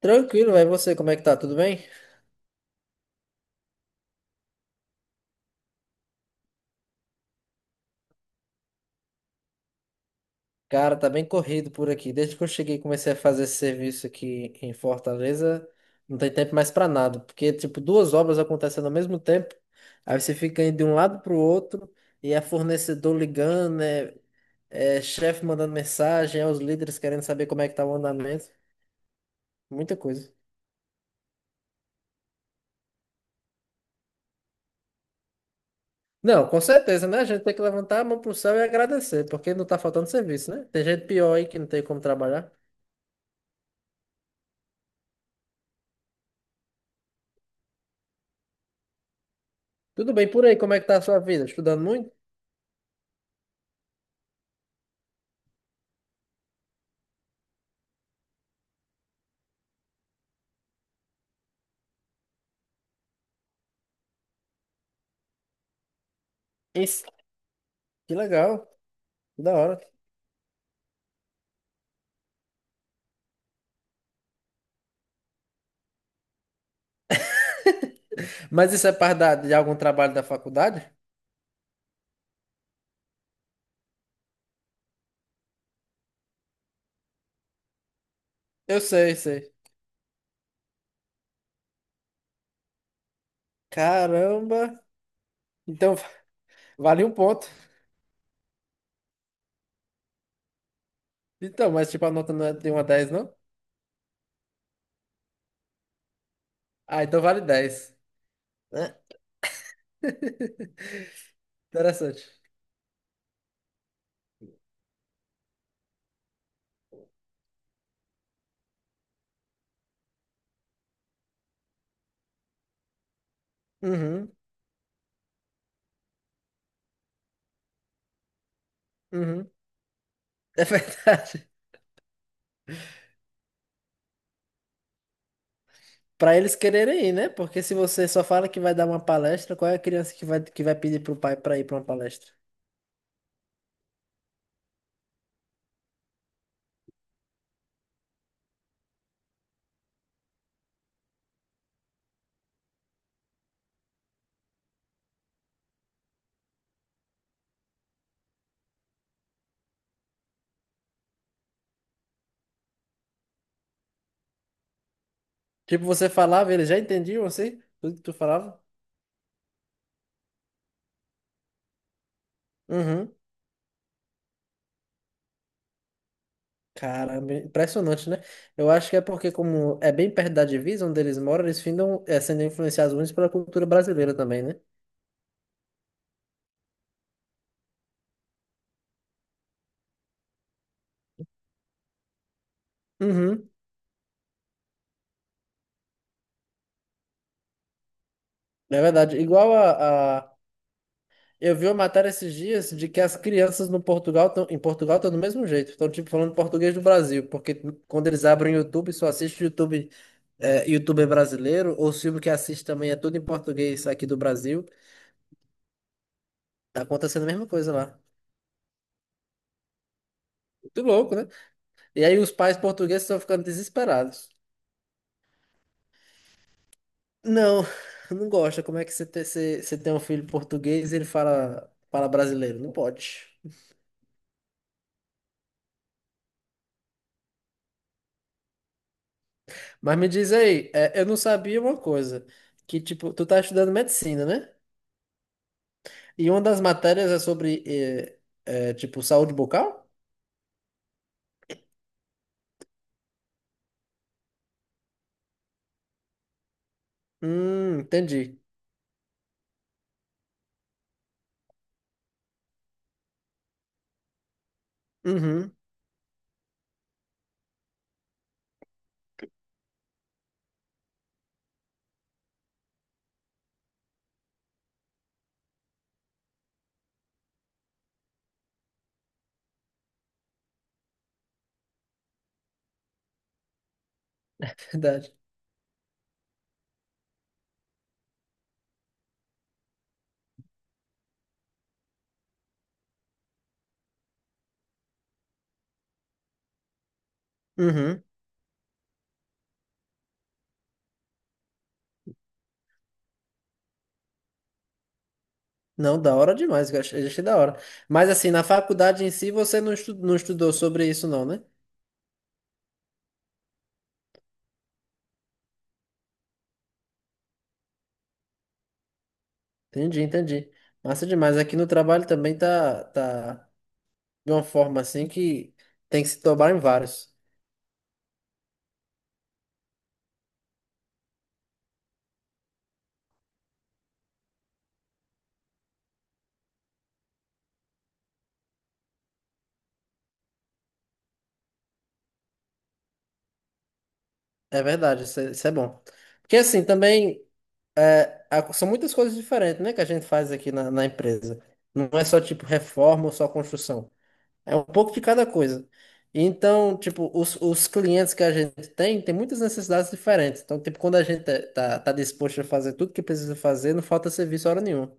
Tranquilo, vai você, como é que tá? Tudo bem? Cara, tá bem corrido por aqui. Desde que eu cheguei e comecei a fazer esse serviço aqui em Fortaleza, não tem tempo mais pra nada, porque tipo duas obras acontecendo ao mesmo tempo, aí você fica indo de um lado pro outro e é fornecedor ligando, é chefe mandando mensagem, é os líderes querendo saber como é que tá o andamento, muita coisa. Não, com certeza, né? A gente tem que levantar a mão pro céu e agradecer, porque não tá faltando serviço, né? Tem gente pior aí que não tem como trabalhar. Tudo bem por aí, como é que tá a sua vida? Estudando muito? Isso, que legal, que da hora. Mas isso é parte de algum trabalho da faculdade? Eu sei, sei. Caramba! Então, vale um ponto. Então, mas tipo, a nota não é de 1 a 10, não? Ah, então vale dez, né? Interessante. Uhum, uhum. É verdade. Pra eles quererem ir, né? Porque se você só fala que vai dar uma palestra, qual é a criança que vai pedir pro pai pra ir pra uma palestra? Tipo, você falava, eles já entendiam assim? Tudo que tu falava? Uhum. Caramba, impressionante, né? Eu acho que é porque, como é bem perto da divisa onde eles moram, eles findam sendo influenciados muito pela cultura brasileira também, né? Uhum, é verdade. Eu vi uma matéria esses dias de que as crianças no Portugal tão, em Portugal estão do mesmo jeito. Estão, tipo, falando português do Brasil. Porque quando eles abrem o YouTube, só YouTuber brasileiro. Ou o filme que assiste também é tudo em português aqui do Brasil. Tá acontecendo a mesma coisa lá. Muito louco, né? E aí os pais portugueses estão ficando desesperados. Não, não gosta. Como é que você tem um filho português e ele fala brasileiro? Não pode. Mas me diz aí, eu não sabia uma coisa, que tipo, tu tá estudando medicina, né? E uma das matérias é sobre, tipo, saúde bucal? Entendi. Uhum, verdade. Uhum. Não, da hora demais, eu achei, achei da hora. Mas assim, na faculdade em si, você não estudou sobre isso não, né? Entendi, entendi. Massa demais. Aqui no trabalho também tá de uma forma assim que tem que se tomar em vários. É verdade, isso é bom. Porque assim, também... é, são muitas coisas diferentes, né, que a gente faz aqui na empresa. Não é só tipo reforma ou só construção. É um pouco de cada coisa. E então, tipo, os clientes que a gente tem muitas necessidades diferentes. Então, tipo, quando a gente tá disposto a fazer tudo que precisa fazer, não falta serviço hora nenhuma.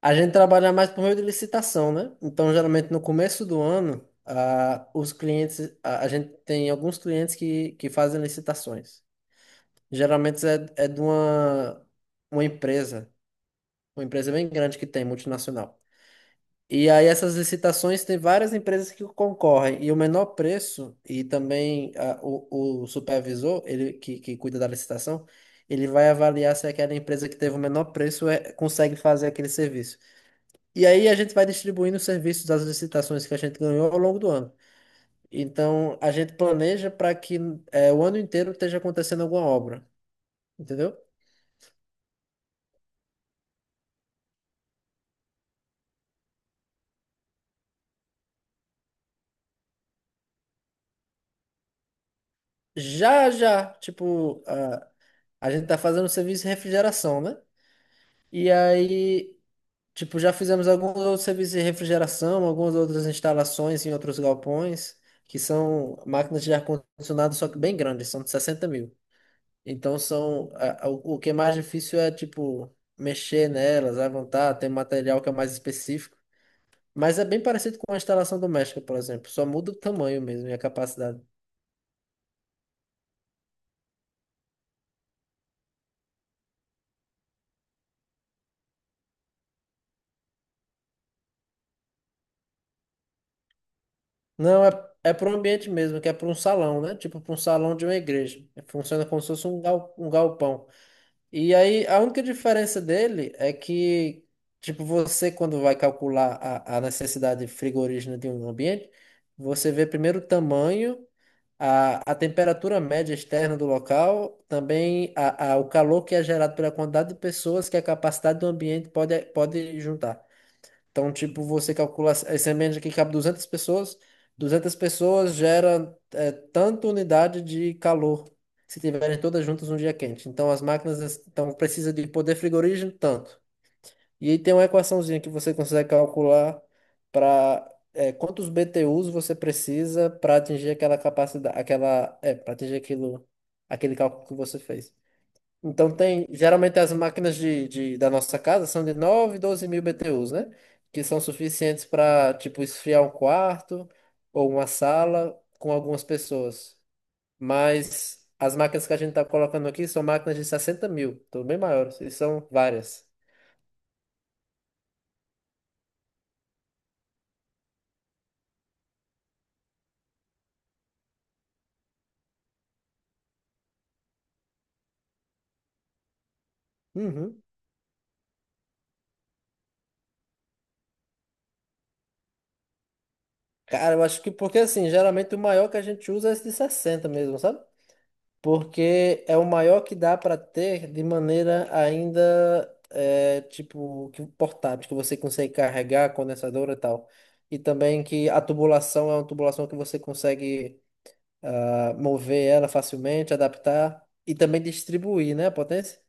A gente trabalha mais por meio de licitação, né? Então, geralmente no começo do ano, ah, os clientes, a gente tem alguns clientes que fazem licitações. Geralmente é de uma empresa uma empresa bem grande que tem, multinacional. E aí essas licitações tem várias empresas que concorrem e o menor preço e também o supervisor, ele que cuida da licitação, ele vai avaliar se aquela empresa que teve o menor preço consegue fazer aquele serviço. E aí a gente vai distribuindo os serviços das licitações que a gente ganhou ao longo do ano. Então a gente planeja para que o ano inteiro esteja acontecendo alguma obra, entendeu? Já, já, tipo, a gente tá fazendo o serviço de refrigeração, né? E aí, tipo, já fizemos alguns outros serviços de refrigeração, algumas outras instalações em outros galpões, que são máquinas de ar-condicionado, só que bem grandes, são de 60 mil. Então, são, o que é mais difícil é, tipo, mexer nelas, levantar, tem material que é mais específico. Mas é bem parecido com a instalação doméstica, por exemplo, só muda o tamanho mesmo e a capacidade. Não, é para o ambiente mesmo, que é para um salão, né? Tipo, para um salão de uma igreja. Funciona como se fosse um galpão. E aí, a única diferença dele é que, tipo, você quando vai calcular a necessidade frigorígena de um ambiente, você vê primeiro o tamanho, a temperatura média externa do local, também o calor que é gerado pela quantidade de pessoas que a capacidade do ambiente pode juntar. Então, tipo, você calcula esse ambiente aqui que cabe 200 pessoas, 200 pessoas gera tanta unidade de calor se tiverem todas juntas um dia quente. Então, as máquinas então, precisa de poder frigorígeno tanto. E aí tem uma equaçãozinha que você consegue calcular para quantos BTUs você precisa para atingir aquela capacidade, para atingir aquilo, aquele cálculo que você fez. Então tem, geralmente as máquinas da nossa casa são de 9 12 mil BTUs, né? Que são suficientes para, tipo, esfriar um quarto ou uma sala com algumas pessoas. Mas as máquinas que a gente tá colocando aqui são máquinas de 60 mil, então bem maiores, e são várias. Uhum. Cara, eu acho que porque assim, geralmente o maior que a gente usa é esse de 60 mesmo, sabe? Porque é o maior que dá para ter de maneira ainda tipo que portátil, que você consegue carregar, condensadora e tal. E também que a tubulação é uma tubulação que você consegue mover ela facilmente, adaptar e também distribuir, né, a potência.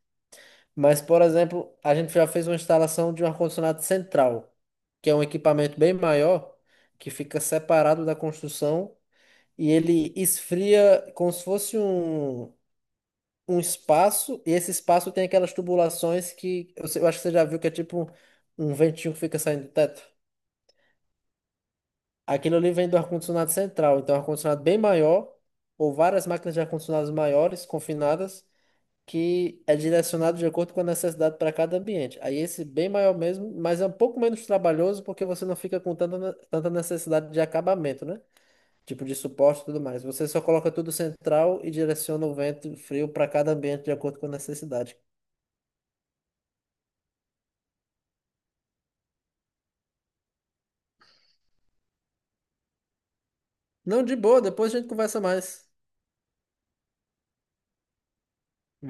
Mas, por exemplo, a gente já fez uma instalação de um ar-condicionado central, que é um equipamento bem maior, que fica separado da construção e ele esfria como se fosse um espaço, e esse espaço tem aquelas tubulações que eu acho que você já viu que é tipo um ventinho que fica saindo do teto. Aquilo ali vem do ar-condicionado central, então é um ar-condicionado bem maior, ou várias máquinas de ar-condicionados maiores, confinadas, que é direcionado de acordo com a necessidade para cada ambiente. Aí esse bem maior mesmo, mas é um pouco menos trabalhoso porque você não fica com tanta, tanta necessidade de acabamento, né? Tipo de suporte e tudo mais. Você só coloca tudo central e direciona o vento frio para cada ambiente de acordo com a necessidade. Não, de boa, depois a gente conversa mais.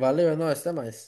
Valeu, é nóis, até mais.